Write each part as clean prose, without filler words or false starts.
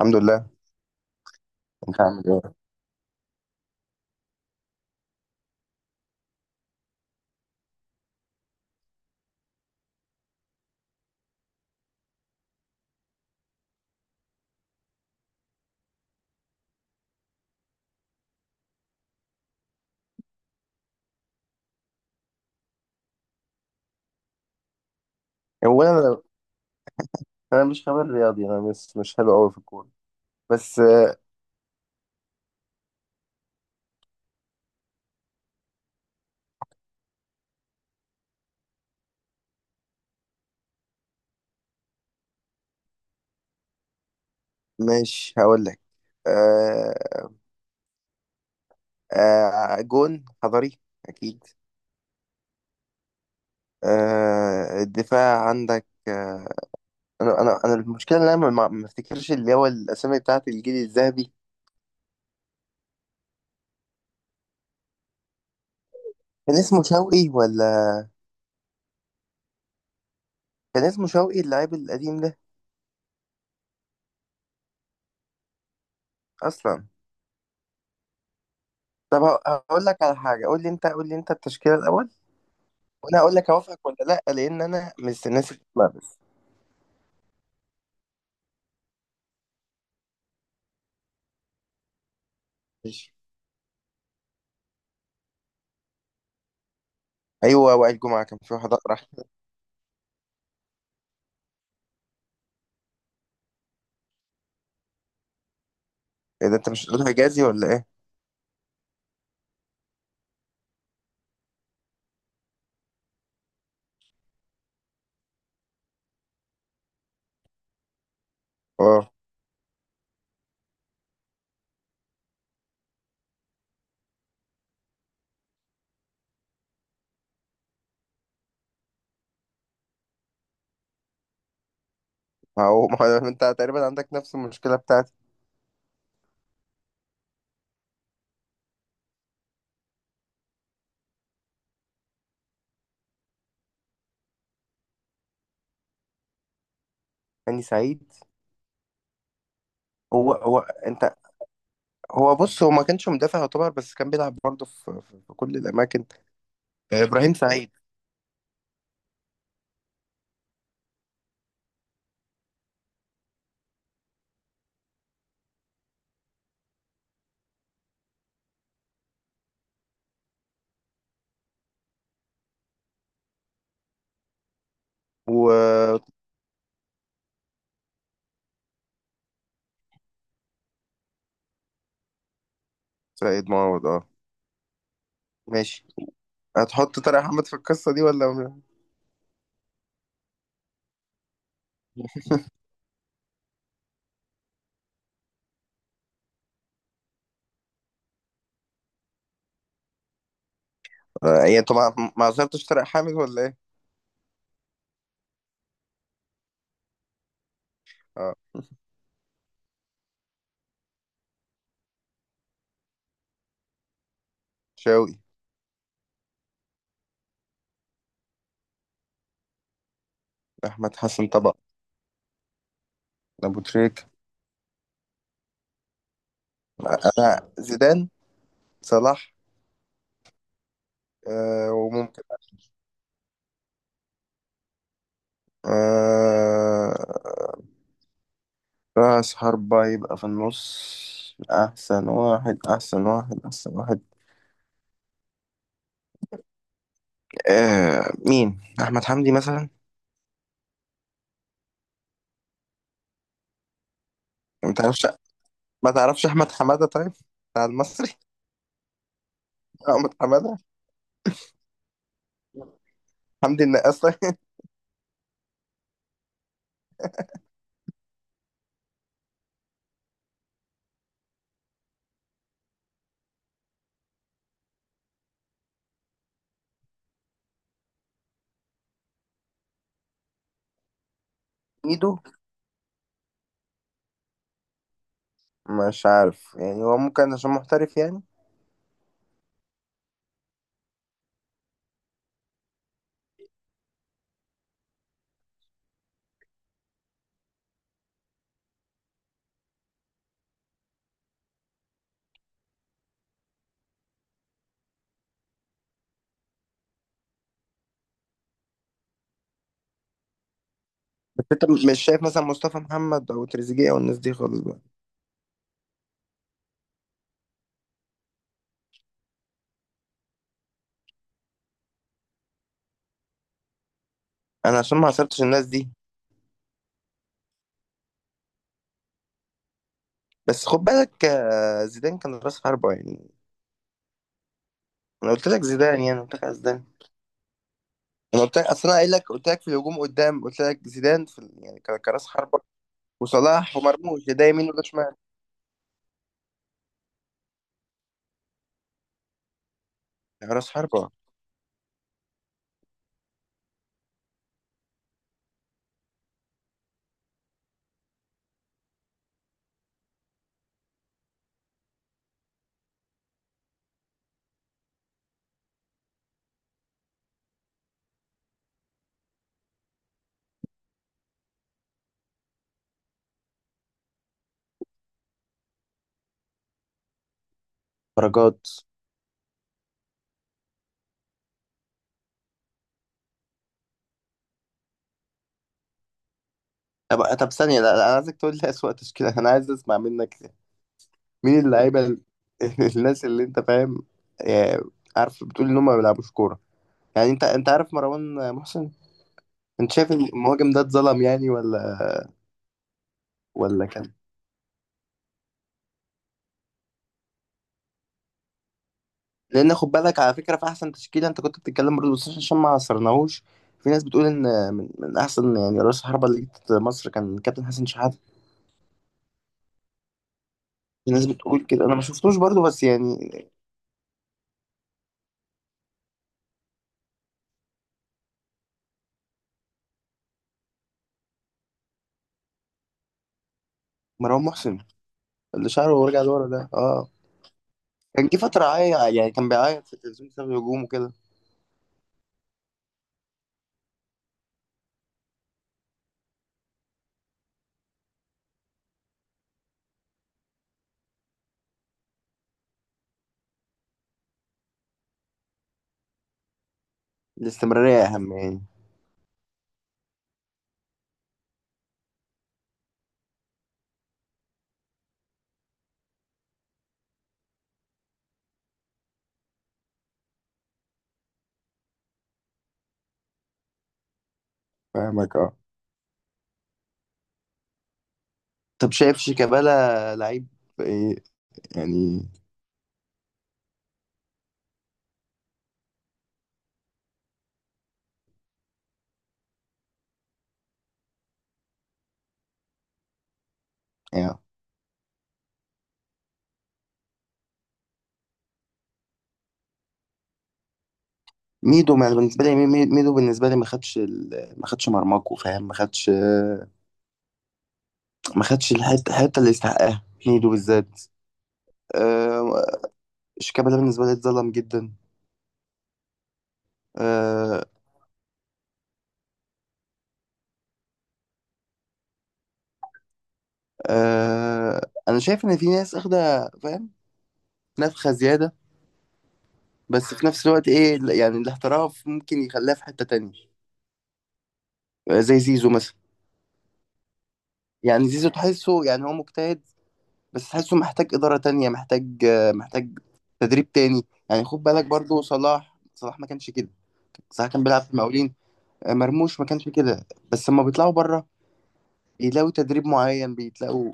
الحمد لله. انت عامل ايه؟ هو انا مش خبير رياضي. انا مش حلو قوي في الكوره. بس، ماشي، هقول لك. آه، جون حضري، اكيد. الدفاع عندك. انا المشكله ان انا ما افتكرش اللي هو الاسامي بتاعت الجيل الذهبي. كان اسمه شوقي ولا كان اسمه شوقي اللاعب القديم ده اصلا؟ طب، هقول لك على حاجه، قول لي انت التشكيله الاول وانا هقول لك اوافقك ولا لا، لان انا مش ناسي. بس ايوه، وائل جمعه كان في واحد اقرع. ايه ده؟ انت مش هتقول حجازي ولا ايه؟ اه، ما هو انت تقريبا عندك نفس المشكله بتاعتي. هاني سعيد، هو انت. هو، بص، هو ما كانش مدافع يعتبر، بس كان بيلعب برضه في كل الاماكن. ابراهيم سعيد و سعيد معوض، اه، ماشي. هتحط طارق حامد في القصه دي ولا؟ ايه، انتوا ما عصرتوش طارق حامد ولا ايه؟ اه، شاوي، احمد حسن طبعا، ابو تريك، انا زيدان، صلاح. آه وممكن آه... رأس حربة يبقى في النص، أحسن واحد أحسن واحد أحسن واحد. مين؟ أحمد حمدي مثلا. ما تعرفش؟ ما تعرفش أحمد حمادة طيب؟ بتاع المصري. أحمد حمادة، حمدي النقاش طيب؟ ميدو. مش عارف يعني، هو ممكن عشان محترف يعني. بس أنت مش شايف مثلا مصطفى محمد أو تريزيجيه أو الناس دي خالص بقى؟ أنا عشان ما عصرتش الناس دي. بس خد بالك، زيدان كان رأس حربة يعني. أنا قلت لك زيدان، يعني قلت لك على زيدان. انا قلت لك، اصل انا قايل لك، قلت لك في الهجوم قدام، قلت لك زيدان في يعني كراس حربة، وصلاح ومرموش، ده يمين وده شمال. راس حربة. درجات. طب ثانية، لا لا، انا عايزك تقول لي أسوأ تشكيلة، انا عايز اسمع منك. مين اللعيبة الناس اللي انت فاهم، آه، عارف، بتقول ان هم ما بيلعبوش كورة. يعني انت عارف مروان محسن، انت شايف المهاجم ده اتظلم يعني ولا كان؟ لان خد بالك، على فكره، في احسن تشكيله انت كنت بتتكلم برضه، بس عشان ما عصرناهوش. في ناس بتقول ان من احسن يعني رأس حربة اللي جت مصر كان كابتن حسن شحاته. في ناس بتقول كده، انا ما شفتوش برضه بس يعني. مروان محسن اللي شعره ورجع لورا ده، اه، كان جه فتره يعني كان بيعيط في التلفزيون بسبب الهجوم وكده. الاستمراريه اهم يعني. فاهمك، اه. طب، شايف شيكابالا لعيب؟ ايه يعني يعني ميدو ما- بالنسبه لي، ميدو بالنسبه لي ما خدش، ما خدش مرماكو، فاهم، ما خدش الحته اللي يستحقها، هيدو بالذات. آه، شيكابالا ده بالنسبه لي اتظلم جدا. آه آه انا شايف ان في ناس اخده، فاهم، نفخه زياده، بس في نفس الوقت ايه يعني؟ الاحتراف ممكن يخليها في حته تانية، زي زيزو مثلا. يعني زيزو تحسه يعني هو مجتهد، بس تحسه محتاج إدارة تانية، محتاج تدريب تاني. يعني خد بالك برضو، صلاح صلاح ما كانش كده، صلاح كان بيلعب في المقاولين. مرموش ما كانش كده، بس لما بيطلعوا بره بيلاقوا تدريب معين، بيتلاقوا.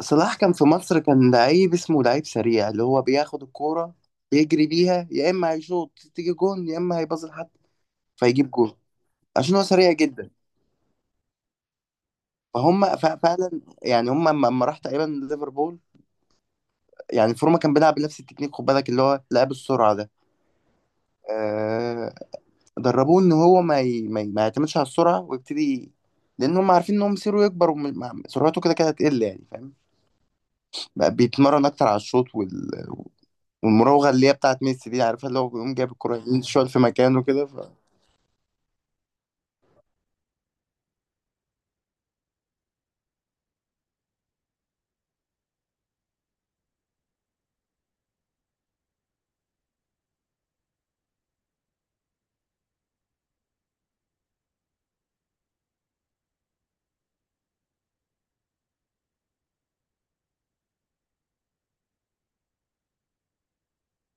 صلاح كان في مصر كان لعيب، اسمه لعيب سريع، اللي هو بياخد الكورة يجري بيها، يا إما هيشوط تيجي جون يا إما هيباصي لحد فيجيب جون، عشان هو سريع جدا. فهم فعلا، يعني هم لما راح تقريبا ليفربول، يعني فورما كان بيلعب بنفس التكنيك، خد بالك اللي هو لعب السرعة ده. آه دربوه إن هو ما يعتمدش على السرعة ويبتدي، لأن هم عارفين إن هم مصيره يكبر وسرعته كده كده هتقل، يعني فاهم. بقى بيتمرن أكتر على الشوط والمراوغه اللي هي بتاعت ميسي دي، عارفها، اللي هو بيقوم جايب الكوره يمين شويه في مكانه كده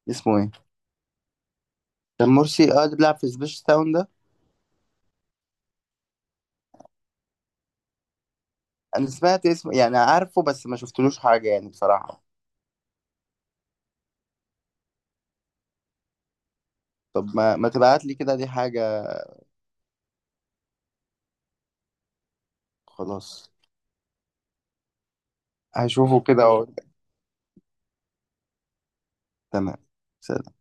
اسمه ايه؟ كان مرسي، اه، اللي بيلعب في سبيش تاون ده. انا سمعت اسمه يعني، عارفه، بس ما شفتلوش حاجه يعني، بصراحه. طب ما تبعت لي كده، دي حاجه. خلاص، هشوفه كده واقول لك. تمام. سلام.